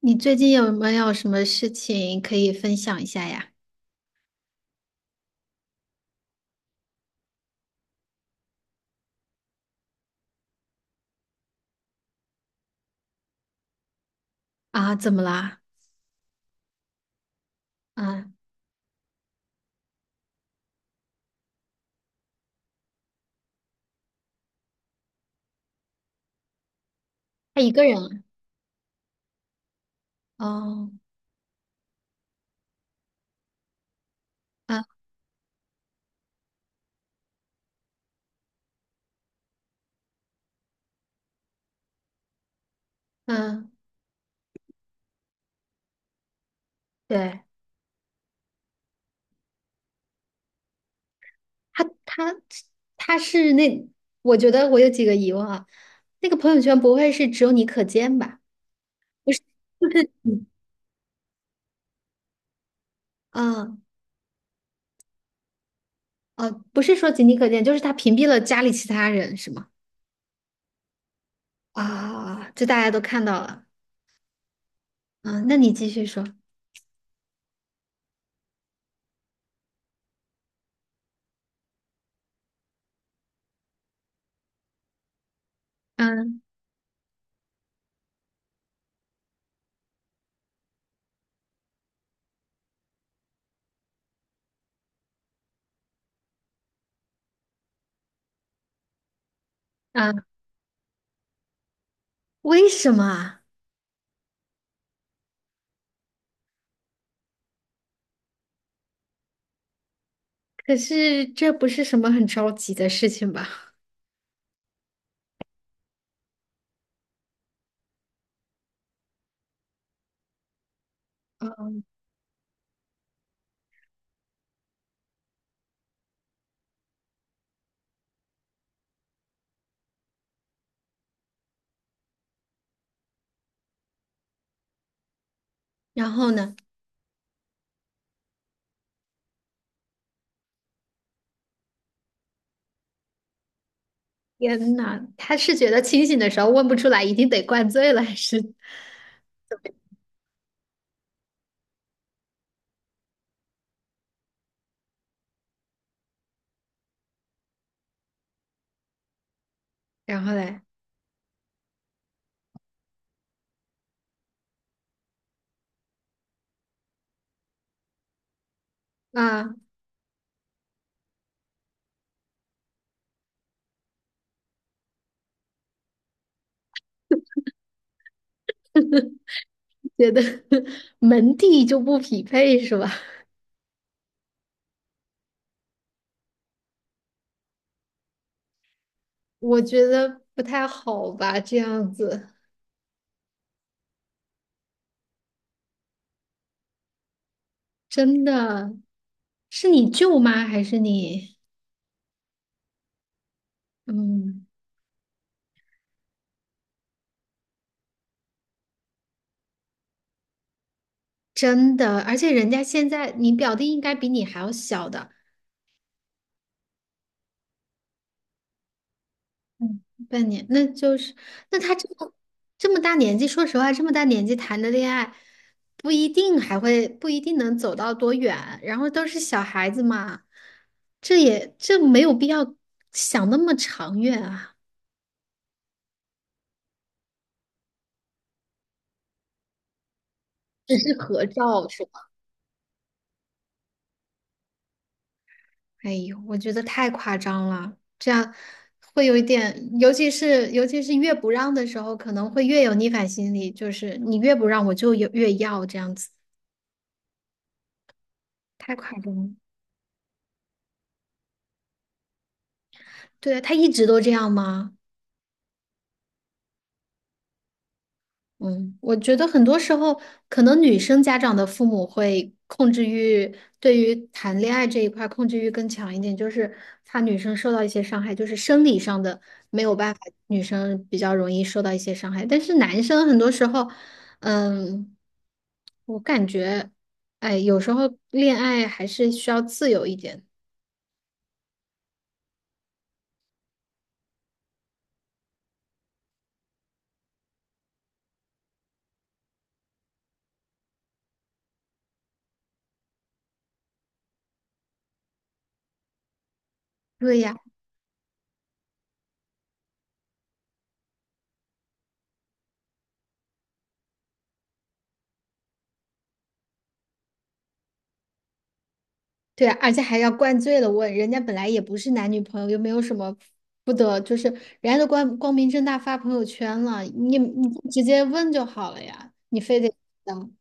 你最近有没有什么事情可以分享一下呀？啊，怎么啦？啊，他一个人啊哦，嗯嗯，对，他他他是那，我觉得我有几个疑问啊。那个朋友圈不会是只有你可见吧？不是，就是你，嗯哦，不是说仅你可见，就是他屏蔽了家里其他人是吗？啊，就大家都看到了。嗯，那你继续说。嗯嗯，为什么啊？可是这不是什么很着急的事情吧？嗯然后呢？天呐，他是觉得清醒的时候问不出来，一定得灌醉了，还是？然后嘞，啊，觉得 门第就不匹配是吧？我觉得不太好吧，这样子真的是你舅妈还是你？嗯，真的，而且人家现在你表弟应该比你还要小的，嗯，半年，那就是，那他这么这么大年纪，说实话，这么大年纪谈的恋爱，不一定还会，不一定能走到多远。然后都是小孩子嘛，这没有必要想那么长远啊，只是合照是吧？哎呦，我觉得太夸张了，这样会有一点，尤其是越不让的时候，可能会越有逆反心理，就是你越不让，我就有越要这样子，太夸张了。对，啊，他一直都这样吗？嗯，我觉得很多时候，可能女生家长的父母会控制欲，对于谈恋爱这一块儿控制欲更强一点，就是怕女生受到一些伤害，就是生理上的没有办法，女生比较容易受到一些伤害。但是男生很多时候，嗯，我感觉，哎，有时候恋爱还是需要自由一点。对呀。对啊，而且还要灌醉了问，人家本来也不是男女朋友，又没有什么不得，就是人家都光光明正大发朋友圈了，你直接问就好了呀，你非得等，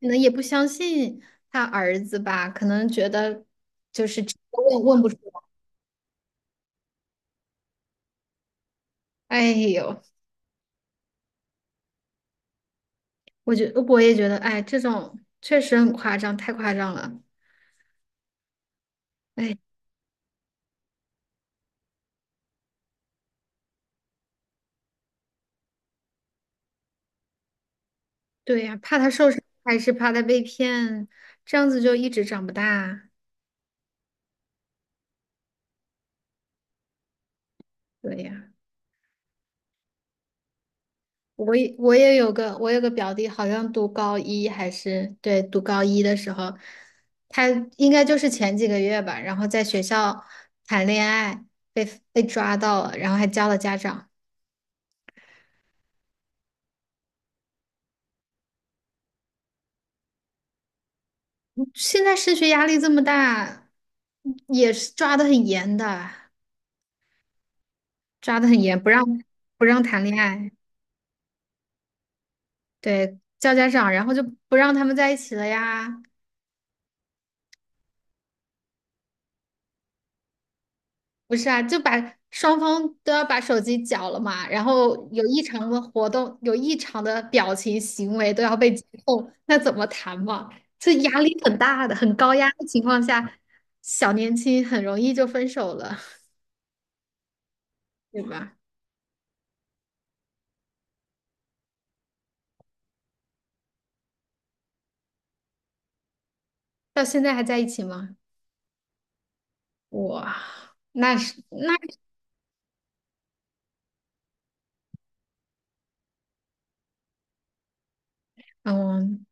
可能也不相信他儿子吧，可能觉得就是直接问问不出来。哎呦，我也觉得，哎，这种确实很夸张，太夸张了。哎，对呀，怕他受伤，还是怕他被骗，这样子就一直长不大。对呀。我也我也有个我有个表弟，好像读高一还是对读高一的时候，他应该就是前几个月吧，然后在学校谈恋爱被被抓到了，然后还叫了家长。现在升学压力这么大，也是抓的很严的，抓的很严，不让谈恋爱，对，叫家长，然后就不让他们在一起了呀。不是啊，就把双方都要把手机缴了嘛，然后有异常的活动，有异常的表情行为都要被监控，那怎么谈嘛？这压力很大的，很高压的情况下，小年轻很容易就分手了，对吧？到现在还在一起吗？哇，那是那嗯，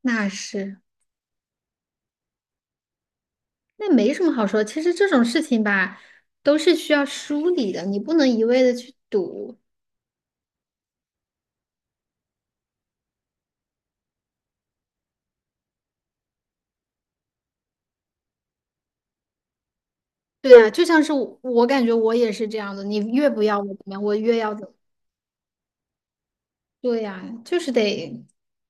那是那没什么好说。其实这种事情吧，都是需要梳理的，你不能一味的去赌。对呀，就像是我，我感觉我也是这样的。你越不要我怎么样，我越要怎么。对呀，就是得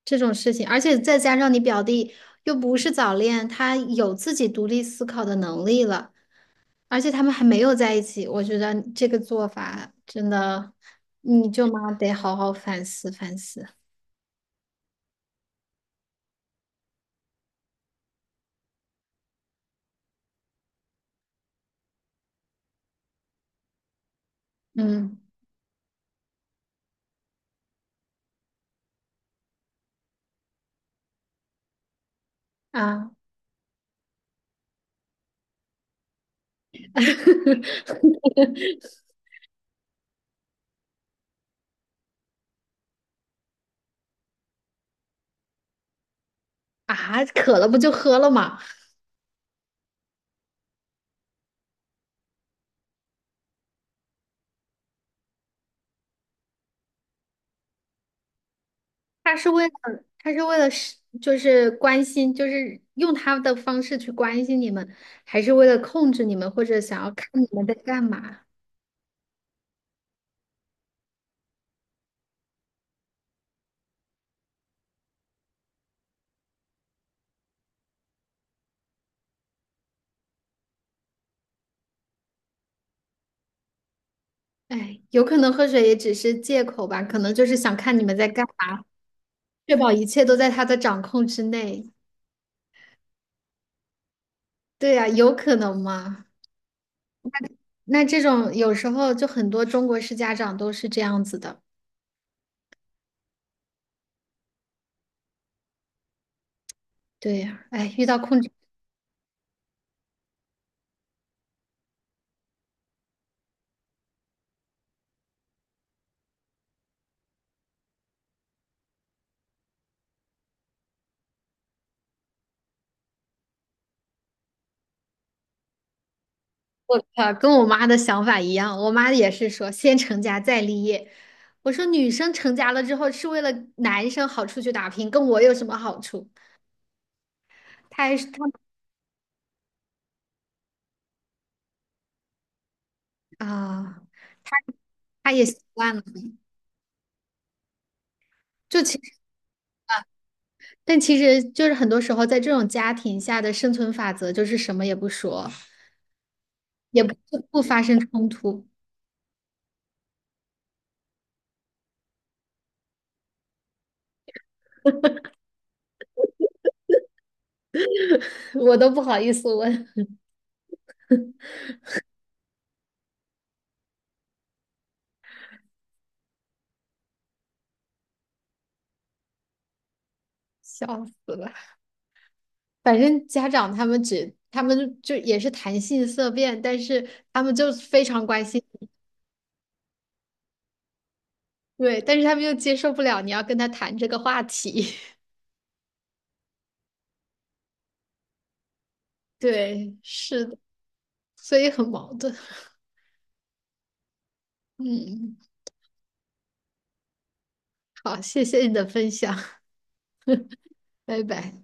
这种事情，而且再加上你表弟又不是早恋，他有自己独立思考的能力了，而且他们还没有在一起，我觉得这个做法真的，你舅妈得好好反思反思。嗯啊 啊，渴了不就喝了吗？他是为了，他是为了是，就是关心，就是用他的方式去关心你们，还是为了控制你们，或者想要看你们在干嘛？哎，有可能喝水也只是借口吧，可能就是想看你们在干嘛，确保一切都在他的掌控之内。对呀，有可能吗？那这种有时候就很多中国式家长都是这样子的。对呀，哎，遇到控制。我靠，跟我妈的想法一样，我妈也是说先成家再立业。我说女生成家了之后是为了男生好出去打拼，跟我有什么好处？她还是她啊，她也习惯了。就其实，但其实就是很多时候在这种家庭下的生存法则就是什么也不说，也不不发生冲突，我都不好意思问，笑死了。反正家长他们就也是谈性色变，但是他们就非常关心。对，但是他们又接受不了你要跟他谈这个话题。对，是的，所以很矛盾。嗯，好，谢谢你的分享，拜拜。